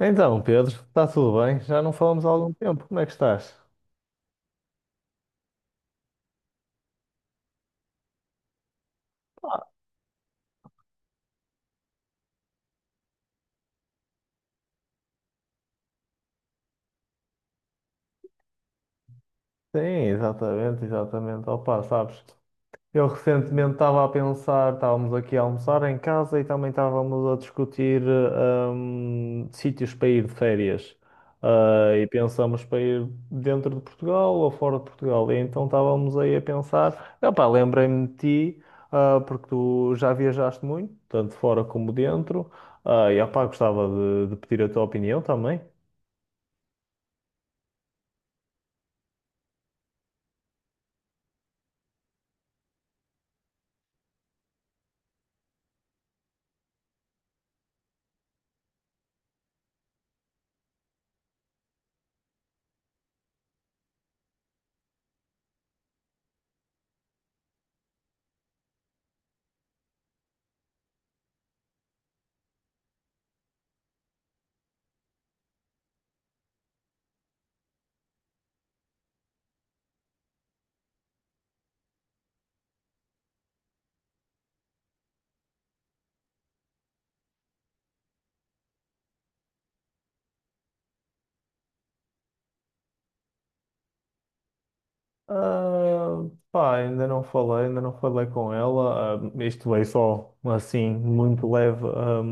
Então, Pedro, está tudo bem? Já não falamos há algum tempo. Como é que estás? Sim, exatamente, exatamente. Opa, sabes, eu recentemente estava a pensar, estávamos aqui a almoçar em casa e também estávamos a discutir sítios para ir de férias. E pensamos para ir dentro de Portugal ou fora de Portugal. E então estávamos aí a pensar, opa, lembrei-me de ti, porque tu já viajaste muito, tanto fora como dentro. E opa, gostava de pedir a tua opinião também. Ah, pá, ainda não falei com ela. Ah, isto veio só assim, muito leve. Ah,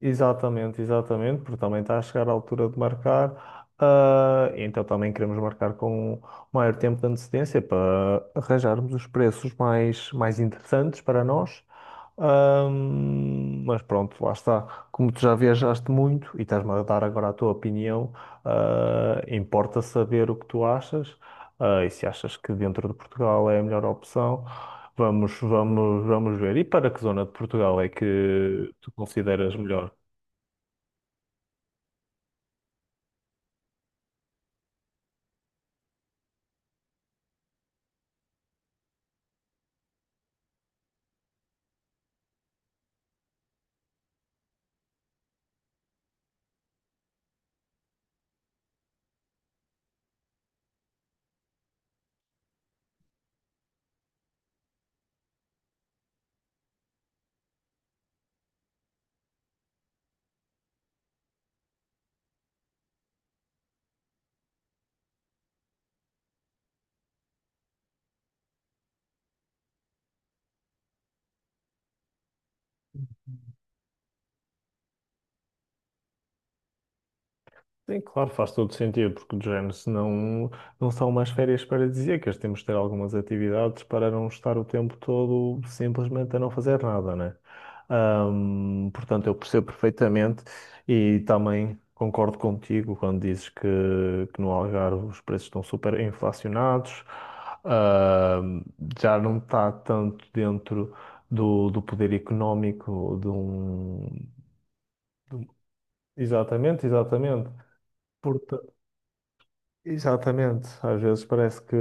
exatamente, exatamente, porque também está a chegar a altura de marcar, então também queremos marcar com o maior tempo de antecedência para arranjarmos os preços mais interessantes para nós. Mas pronto, lá está. Como tu já viajaste muito e estás-me a dar agora a tua opinião, importa saber o que tu achas, e se achas que dentro de Portugal é a melhor opção. Vamos ver. E para que zona de Portugal é que tu consideras melhor? Sim, claro, faz todo sentido, porque de género, se não, não são umas férias paradisíacas, temos de ter algumas atividades para não estar o tempo todo simplesmente a não fazer nada, né? Portanto, eu percebo perfeitamente e também concordo contigo quando que no Algarve os preços estão super inflacionados, ahm, já não está tanto dentro do poder económico de um. de um- Exatamente, exatamente. Exatamente. Às vezes parece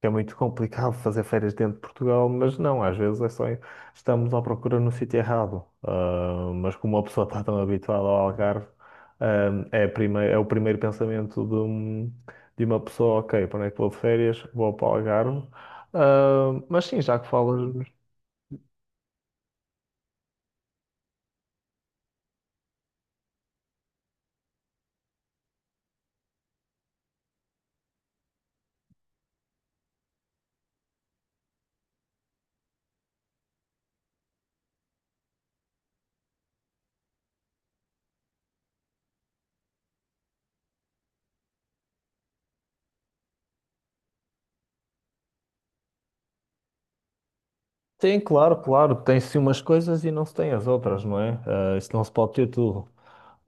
que é muito complicado fazer férias dentro de Portugal, mas não, às vezes é só estamos à procura no sítio errado. Ah, mas como a pessoa está tão habituada ao Algarve, ah, é, é o primeiro pensamento de uma pessoa, ok, para onde é que vou de férias? Vou para o Algarve. Ah, mas sim, já que falas, tem, claro, claro, tem-se umas coisas e não se tem as outras, não é? Ah, isso não se pode ter tudo.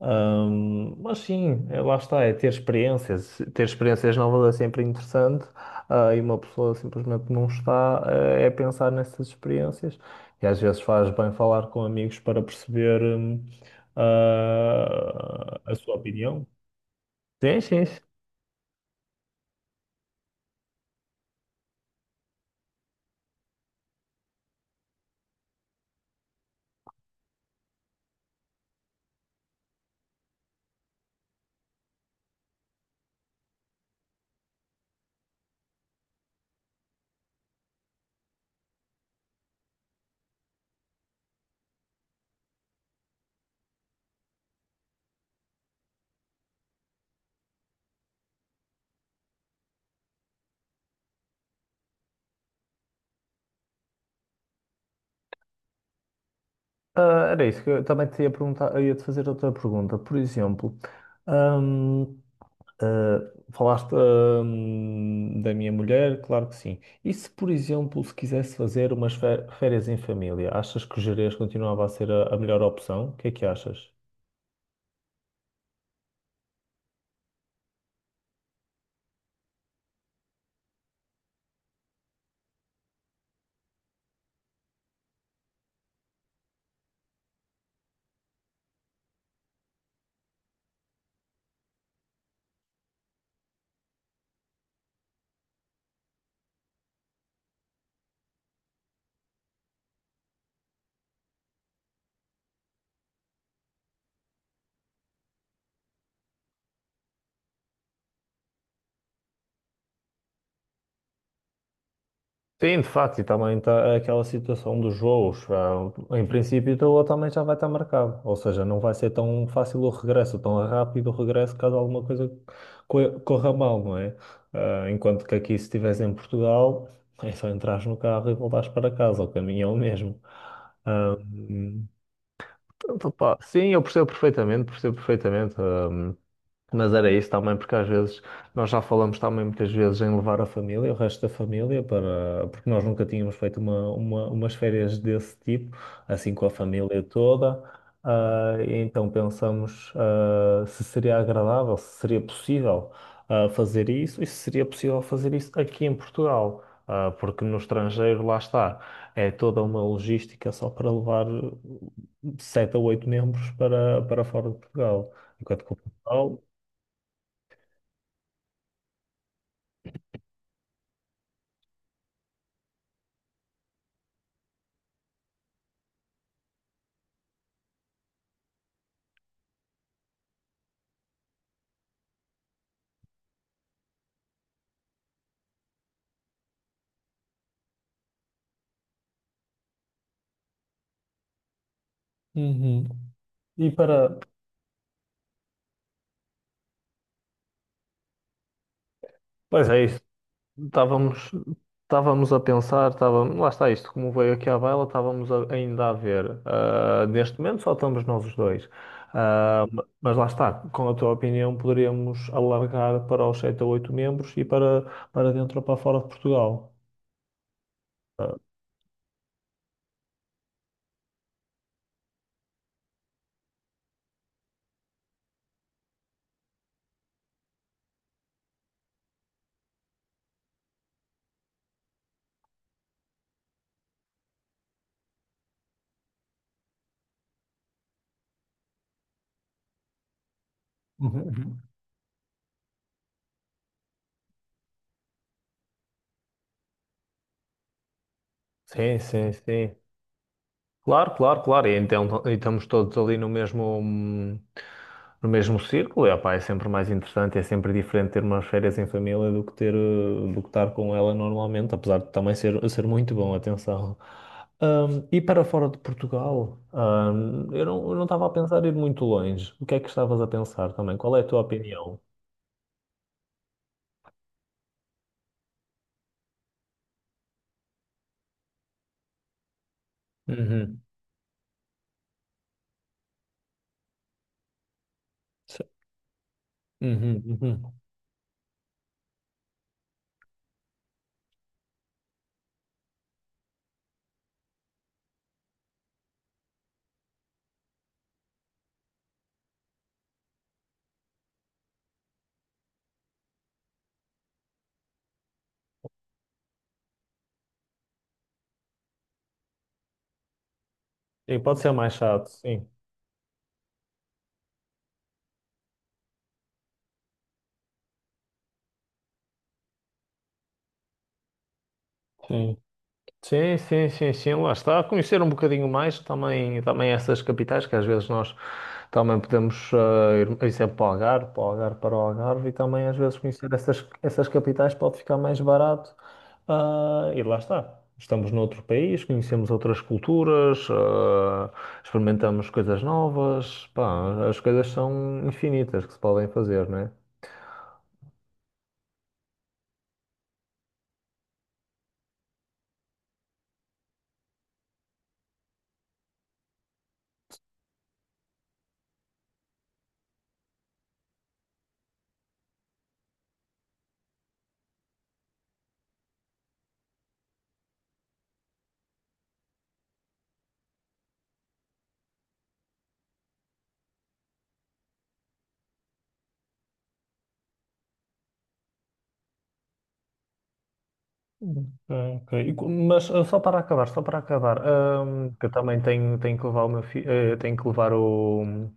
Mas sim, é, lá está, é ter experiências. Ter experiências novas é sempre interessante, e uma pessoa simplesmente não está, é pensar nessas experiências. E às vezes faz bem falar com amigos para perceber, a sua opinião. Sim, sim, sim. Era isso que eu também te ia perguntar, eu ia te fazer outra pergunta. Por exemplo, hum, Ah, falaste, da minha mulher? Claro que sim. E se, por exemplo, se quisesse fazer umas férias em família, achas que o Gerês continuava a ser a melhor opção? O que é que achas? Sim, de facto, e também está aquela situação dos voos. Em princípio, o teu também já vai estar marcado. Ou seja, não vai ser tão fácil o regresso, tão rápido o regresso, caso alguma coisa corra mal, não é? Enquanto que aqui, se estivesse em Portugal, é só entrares no carro e voltares para casa. O caminho é o mesmo. Ah, hum, portanto, pá, sim, eu percebo perfeitamente, percebo perfeitamente. Mas era isso também, porque às vezes nós já falamos também muitas vezes em levar a família, o resto da família, para, porque nós nunca tínhamos feito umas férias desse tipo, assim com a família toda. E então pensamos, se seria agradável, se seria possível, fazer isso e se seria possível fazer isso aqui em Portugal. Ah, porque no estrangeiro, lá está, é toda uma logística só para levar sete a oito membros para fora de Portugal. Enquanto que o Portugal. Uhum. E para. Pois é isso. Estávamos, estávamos a pensar, estávamos, lá está isto, como veio aqui à baila, ainda a ver. Ah, neste momento só estamos nós os dois. Mas lá está, com a tua opinião, poderíamos alargar para os 7 ou 8 membros e para, para dentro ou para fora de Portugal. Ah, uhum, uhum, sim, sim, sim. Claro, claro, claro. E então e estamos todos ali no mesmo, no mesmo círculo. E, opá, é sempre mais interessante, é sempre diferente ter umas férias em família do que do que estar com ela normalmente, apesar de também ser muito bom, atenção. E para fora de Portugal, eu eu não estava a pensar em ir muito longe. O que é que estavas a pensar também? Qual é a tua opinião? Uhum. Se- uhum, uhum. Sim, pode ser mais chato, sim. Sim, sim, sim, sim, sim, lá está. Conhecer um bocadinho mais também, também essas capitais, que às vezes nós também podemos ir, por exemplo, para o Algarve, para o Algarve, para o Algarve, e também às vezes conhecer essas capitais pode ficar mais barato. E lá está. Estamos noutro país, conhecemos outras culturas, experimentamos coisas novas. Pá, as coisas são infinitas que se podem fazer, não é? Ok, ok. Mas só para acabar, que eu também tenho que levar o meu filho, tenho que levar o,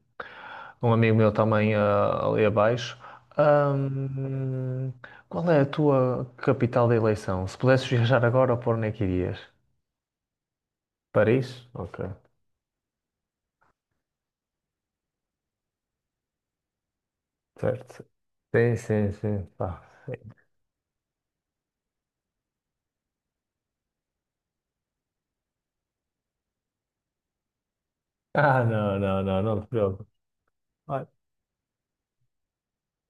um amigo meu também ali abaixo. Ahm, qual é a tua capital de eleição? Se pudesses viajar agora, por onde é que irias? Paris? Ok, certo. Sim, sim, sim. Pá, sim. Ah, não, não, não, não te preocupes. Olha,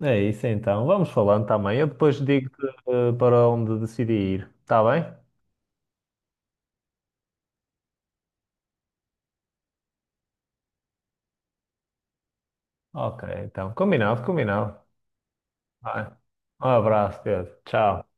é isso então, vamos falando também. Eu depois digo-te para onde decidi ir, está bem? Ok, então, combinado, combinado. Vai. Um abraço, Pedro. Tchau.